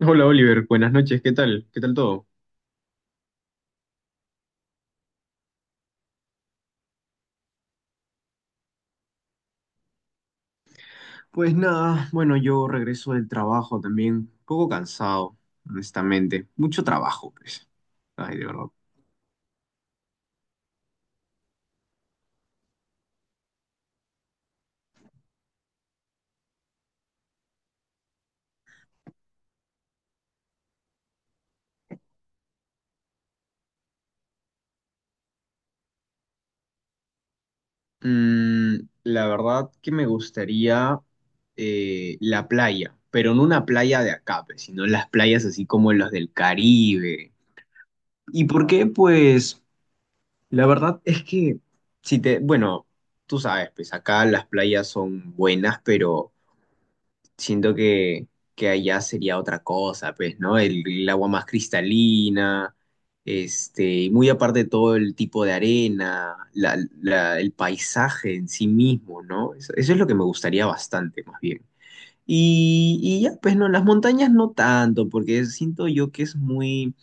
Hola Oliver, buenas noches, ¿qué tal? ¿Qué tal todo? Pues nada, bueno, yo regreso del trabajo también, un poco cansado, honestamente. Mucho trabajo, pues. Ay, de verdad. La verdad que me gustaría la playa, pero no una playa de acá, pues, sino las playas así como las del Caribe. ¿Y por qué? Pues la verdad es que, si te, bueno, tú sabes, pues acá las playas son buenas, pero siento que allá sería otra cosa, pues, ¿no? El agua más cristalina, este, y muy aparte de todo el tipo de arena, la- la- el paisaje en sí mismo, ¿no? Eso es lo que me gustaría bastante, más bien. Y ya, pues no, las montañas no tanto, porque siento yo que es muy,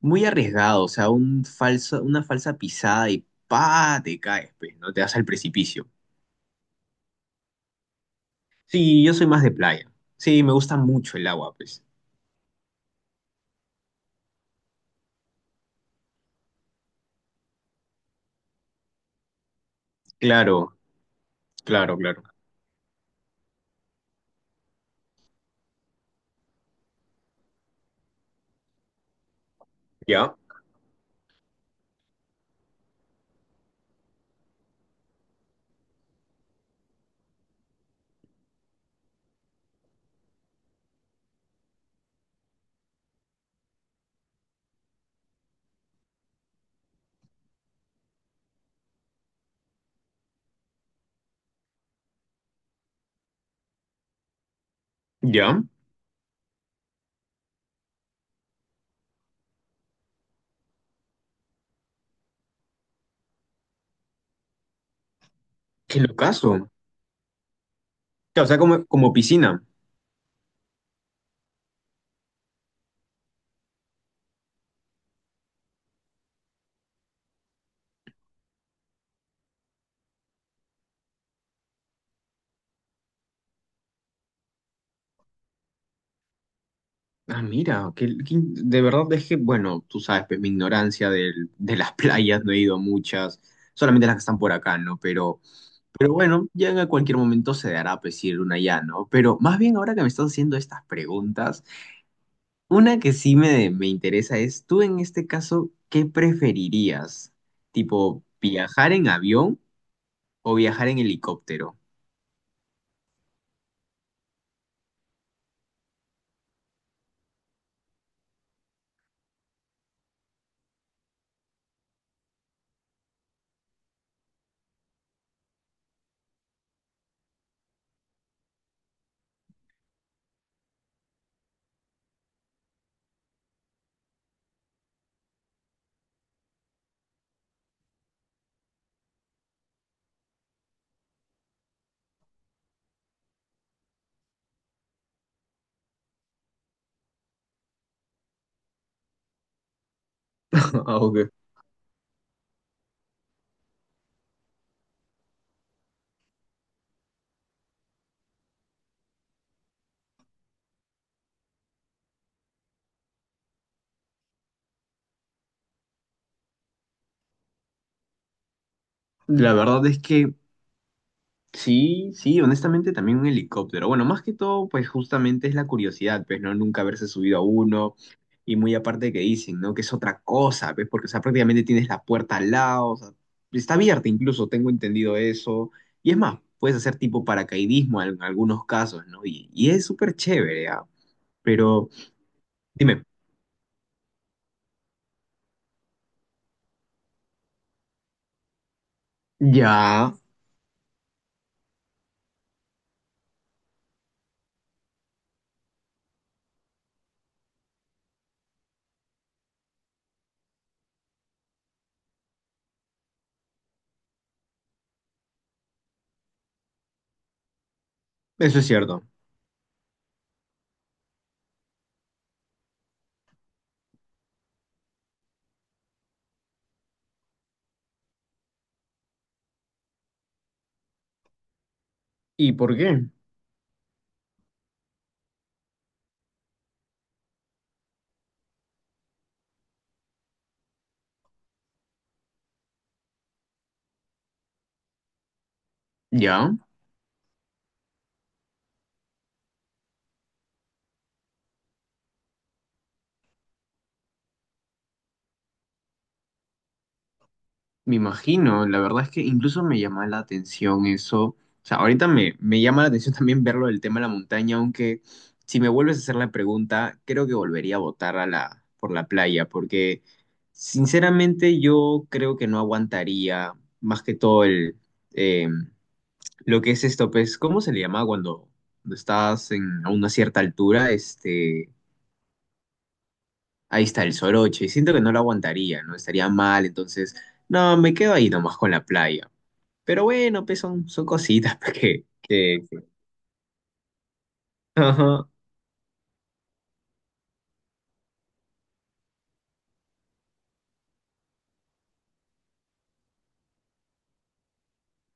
muy arriesgado, o sea, una falsa pisada y pa, te caes, pues, ¿no? Te vas al precipicio. Sí, yo soy más de playa. Sí, me gusta mucho el agua, pues. Claro, claro, claro. Ya, ya. Qué locazo. Claro, o sea, como, como piscina. Ah, mira, que de verdad es que, bueno, tú sabes, pues mi ignorancia del- de las playas, no he ido a muchas, solamente las que están por acá, ¿no? Pero bueno, ya en cualquier momento se dará, pues, si ir una ya, ¿no? Pero más bien ahora que me estás haciendo estas preguntas, una que sí me interesa es, tú en este caso, ¿qué preferirías? ¿Tipo viajar en avión o viajar en helicóptero? Ah, ok. La verdad es que sí, sí, honestamente también un helicóptero. Bueno, más que todo, pues justamente es la curiosidad, pues, ¿no? Nunca haberse subido a uno. Y muy aparte que dicen, ¿no? Que es otra cosa, ¿ves? Porque, o sea, prácticamente tienes la puerta al lado, o sea, está abierta incluso, tengo entendido eso. Y es más, puedes hacer tipo paracaidismo en algunos casos, ¿no? Y es súper chévere, ¿ah? Pero, dime, ya, eso es cierto. ¿Y por qué? ¿Ya? Me imagino, la verdad es que incluso me llama la atención eso. O sea, ahorita me llama la atención también verlo del tema de la montaña, aunque si me vuelves a hacer la pregunta, creo que volvería a votar a la, por la playa, porque sinceramente yo creo que no aguantaría más que todo el, eh, lo que es esto, pues, ¿cómo se le llama cuando estás en, a una cierta altura? Este, ahí está el soroche, y siento que no lo aguantaría, ¿no? Estaría mal, entonces no, me quedo ahí nomás con la playa. Pero bueno, pues son, son cositas pues. Ajá,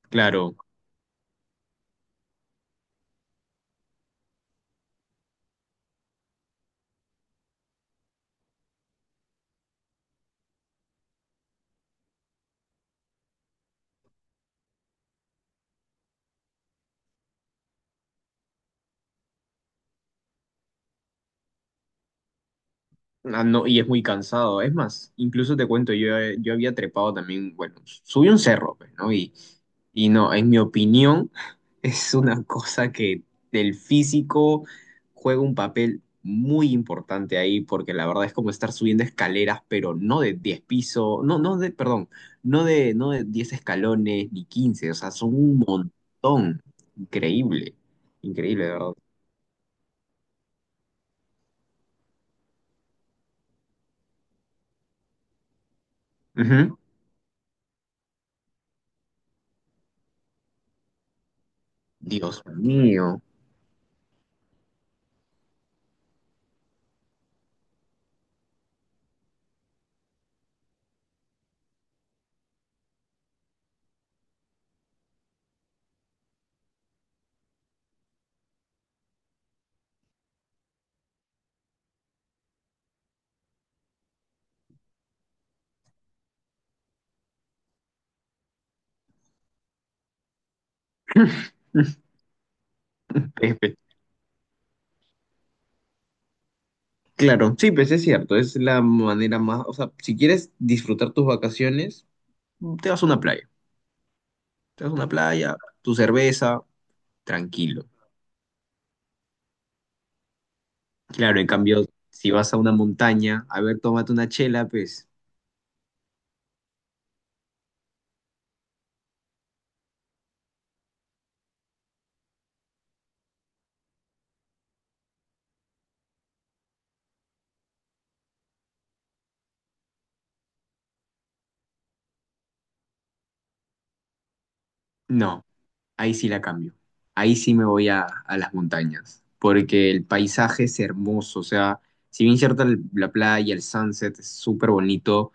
claro. Ah, no, y es muy cansado. Es más, incluso te cuento, yo había trepado también, bueno, subí un cerro, pues, ¿no? Y no, en mi opinión, es una cosa que el físico juega un papel muy importante ahí, porque la verdad es como estar subiendo escaleras, pero no de 10 pisos, no, no de, perdón, no de 10 escalones ni 15, o sea, son un montón. Increíble, increíble, de verdad. Ujú. Dios mío. Claro, sí, pues es cierto, es la manera más, o sea, si quieres disfrutar tus vacaciones, te vas a una playa, te vas a una playa, tu cerveza, tranquilo. Claro, en cambio, si vas a una montaña, a ver, tómate una chela, pues no, ahí sí la cambio, ahí sí me voy a las montañas, porque el paisaje es hermoso, o sea, si bien cierta la playa, el sunset es súper bonito,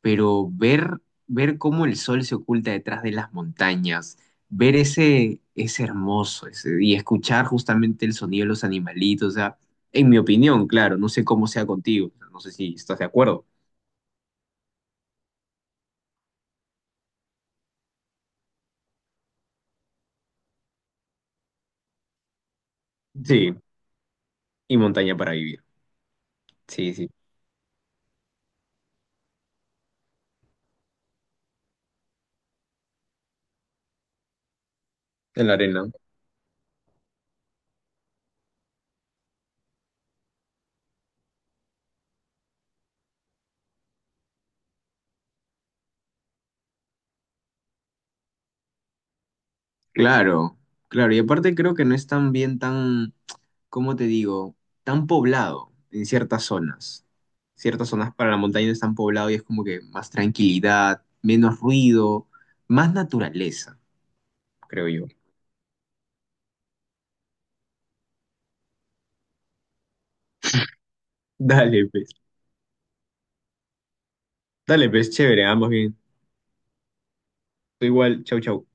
pero ver, cómo el sol se oculta detrás de las montañas, ver ese, es hermoso, ese- y escuchar justamente el sonido de los animalitos, o sea, en mi opinión, claro, no sé cómo sea contigo, no sé si estás de acuerdo. Sí, y montaña para vivir. Sí, sí, en la arena. Claro, claro. Y aparte creo que no es tan bien tan, ¿cómo te digo? Tan poblado en ciertas zonas. Ciertas zonas para la montaña no están poblado y es como que más tranquilidad, menos ruido, más naturaleza, creo yo. Dale, pues. Dale, pues, chévere, ambos bien. Tú igual, chau, chau.